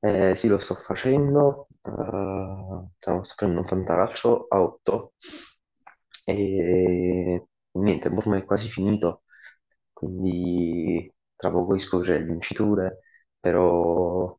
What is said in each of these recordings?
Sì, lo sto facendo, stiamo facendo un fantacalcio a 8 e niente, ormai è quasi finito, quindi tra poco scoprirò le vinciture, però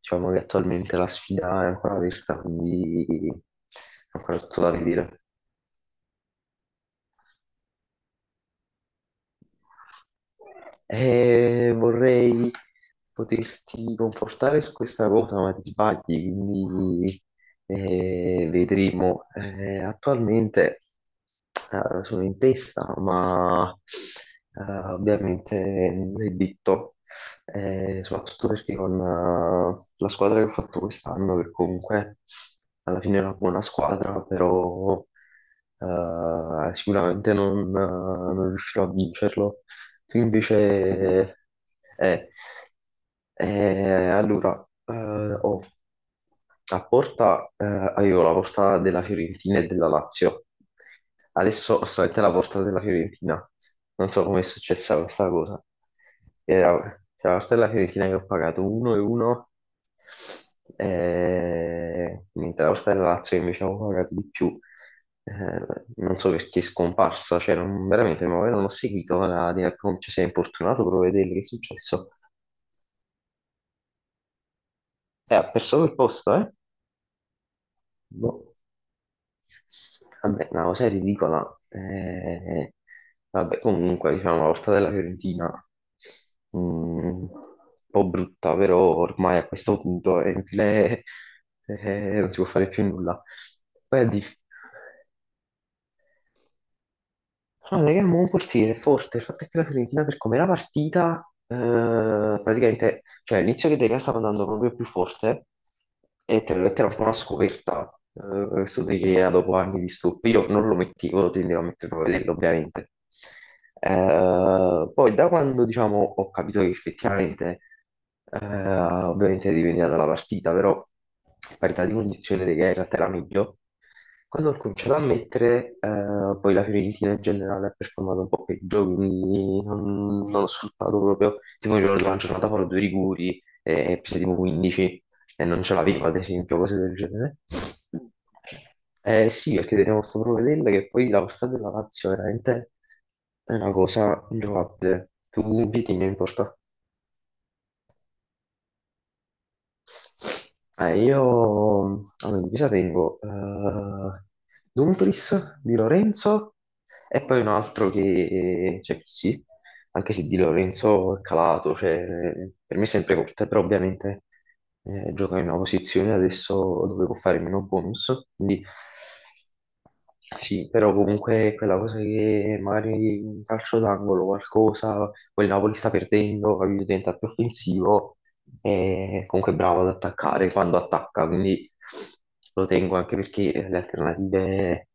diciamo che attualmente la sfida è ancora aperta, quindi è ancora tutto da vedere. E vorrei poterti confortare su questa cosa, ma ti sbagli, quindi vedremo. Attualmente sono in testa, ma eh, ovviamente non è detto, soprattutto perché con la squadra che ho fatto quest'anno, che comunque alla fine è una buona squadra, però sicuramente non, non riuscirò a vincerlo. Tu invece... Eh, allora, oh, a Porta avevo la porta della Fiorentina e della Lazio. Adesso ho solamente la porta della Fiorentina. Non so come è successa questa cosa. Era, c'è la porta della Fiorentina che ho pagato 1 e 1, mentre la porta della Lazio che invece avevo pagato di più. eh, non so perché è scomparsa, cioè non, veramente ma poi non ho seguito la, cioè, si è importunato per vedere che è successo. Ha perso quel posto, eh? Boh. Vabbè, una cosa ridicola. Vabbè, comunque, diciamo, la volta della Fiorentina, un po' brutta, però ormai a questo punto è inutile, non si può fare più nulla. Poi a dif- Guarda che è un buon portiere, forte. Il fatto è che la Fiorentina per com'era partita, praticamente, cioè all'inizio che De Gea stava andando proprio più forte e te l'ho detto, era un po' una scoperta questo De Gea dopo anni di stup. Io non lo mettevo, tendevo a metterlo a vederlo ovviamente. Poi da quando diciamo, ho capito che effettivamente, ovviamente dipendeva dalla partita, però parità di condizione che in realtà era meglio, quando ho cominciato a mettere, poi la Fiorentina in generale ha performato un po' peggio, quindi non ho sfruttato proprio, tipo mi ricordo una giornata fuori due rigori e prese tipo 15, e non ce l'avevo, ad esempio, cose del genere. Sì, perché tenevo sto provvedendo che poi la portata della Lazio veramente è una cosa ingiocabile. Tu chi tieni in porta? Io allora, in divisa tengo Dumfries di Lorenzo e poi un altro che, cioè, che sì, anche se di Lorenzo è calato, cioè, per me è sempre corta, però ovviamente gioca in una posizione adesso dove può fare meno bonus, quindi sì, però comunque è quella cosa che magari in calcio d'angolo qualcosa, poi il Napoli sta perdendo, capito, diventa più offensivo e comunque è bravo ad attaccare quando attacca, quindi lo tengo anche perché le alternative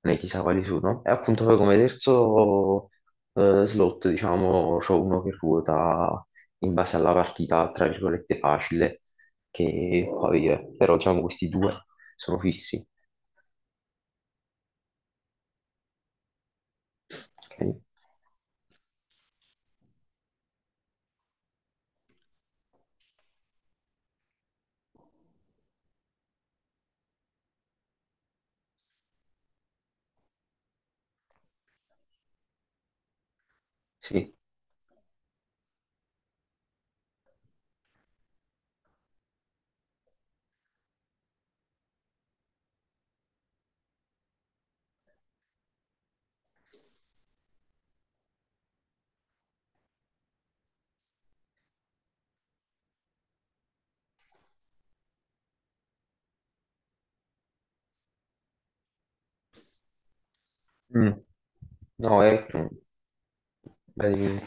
ne chissà quali sono. E appunto poi come terzo slot, diciamo, c'ho uno che ruota in base alla partita, tra virgolette, facile, che può avere, però diciamo questi due sono fissi. Ok, sì. Mm. No, è... Vai, dimmi.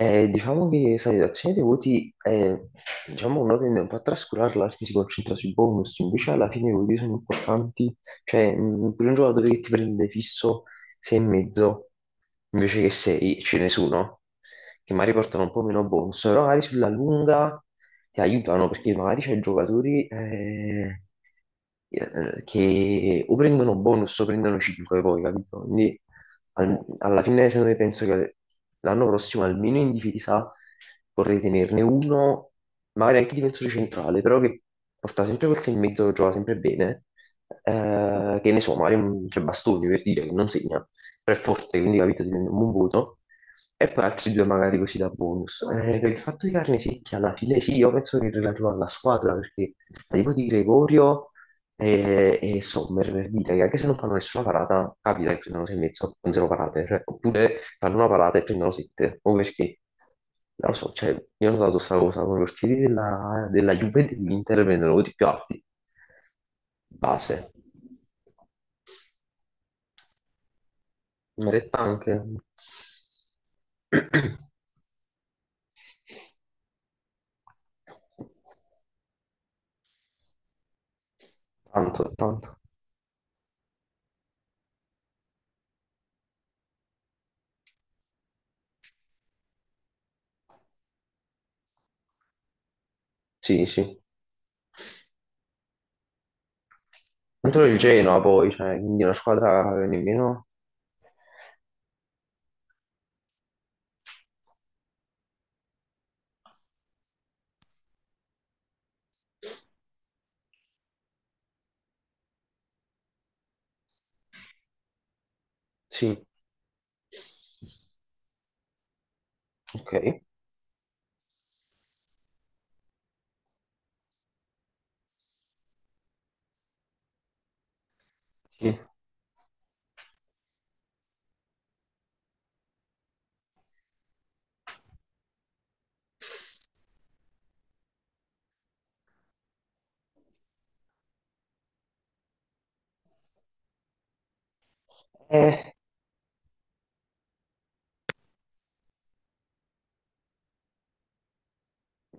Diciamo che sai, la redazione dei voti, diciamo, uno tende un po' a trascurarla, perché si concentra sui bonus, invece alla fine i voti sono importanti, cioè per un giocatore che ti prende fisso 6 e mezzo, invece che 6 ce ne sono, che magari portano un po' meno bonus, però magari sulla lunga ti aiutano perché magari c'è giocatori che o prendono bonus o prendono 5 poi, capito? Quindi alla fine secondo me penso che l'anno prossimo almeno in difesa vorrei tenerne uno, magari anche difensore centrale, però che porta sempre quel 6 e mezzo che gioca sempre bene, che ne so, magari un tre bastoni per dire che non segna, però è forte, quindi capito, ti prende un buon voto. E poi altri due magari così da bonus. Per il fatto di carne secchia, alla fine sì, io penso che è relativo alla squadra, perché tipo di Gregorio e Sommer, per dire che anche se non fanno nessuna parata, capita che prendono sei e mezzo, con zero parate, cioè, oppure fanno una parata e prendono sette, o perché, non lo so, cioè, io ho notato questa cosa, con i portieri della Juve e dell'Inter prendono voti più alti, base. Meretta anche. Tanto, tanto. Sì, sì. Contro il Genoa poi, cioè, quindi una squadra che nemmeno... Sì, ok. Sì. Eh,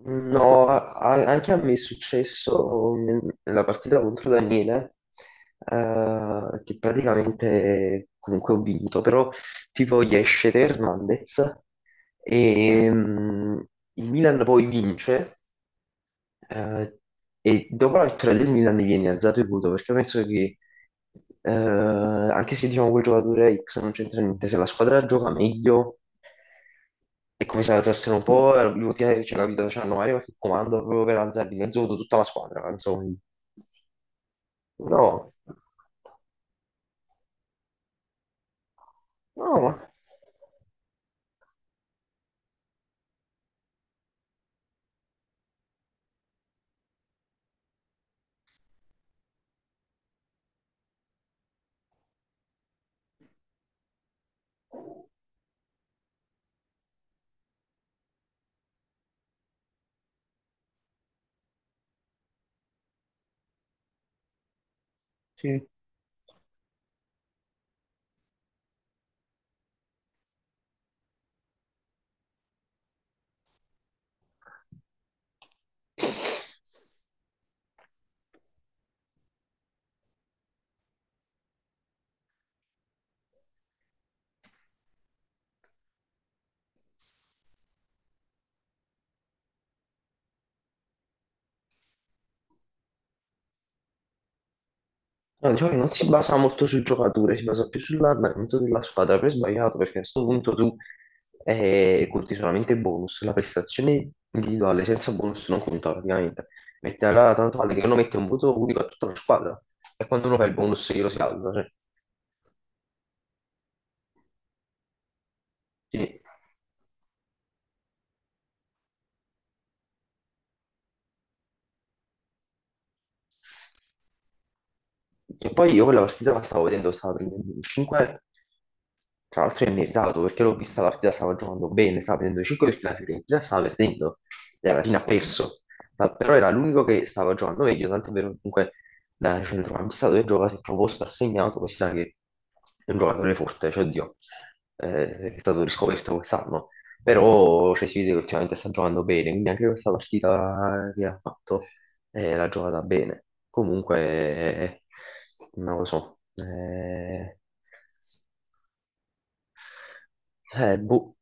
no, anche a me è successo nella partita contro Daniele, che praticamente comunque ho vinto, però tipo gli esce Hernandez e mm, il Milan poi vince. Eh, e dopo la vittoria del Milan mi viene alzato il voto perché penso che anche se diciamo quel giocatore X non c'entra niente, se la squadra gioca meglio è come se alzassero un po' l'ultima che c'è capito, c'hanno Mario che comando proprio per alzare di mezzo voto tutta la squadra, insomma. No, no, ma... Sì. No, diciamo che non si basa molto sul giocatore, si basa più sull'andamento della squadra. Per sbagliato, perché a questo punto tu conti solamente il bonus, la prestazione individuale senza bonus non conta praticamente. Mette alla tanto vale che uno mette un voto unico a tutta la squadra e quando uno fa il bonus glielo si alza. Cioè, sì. E poi io quella partita la stavo vedendo, stava prendendo un 5, tra l'altro è meritato perché l'ho vista la partita, stava giocando bene, stava prendendo 5 perché la Fiorentina stava perdendo e alla fine ha perso, ma però era l'unico che stava giocando meglio, tanto è vero che comunque da centrocampista dove gioca si è proposto, ha segnato, così sa che è un giocatore forte, cioè oddio, è stato riscoperto quest'anno, però cioè, si vede che ultimamente sta giocando bene, quindi anche questa partita che ha fatto e l'ha giocata bene. Comunque, non lo so, boh,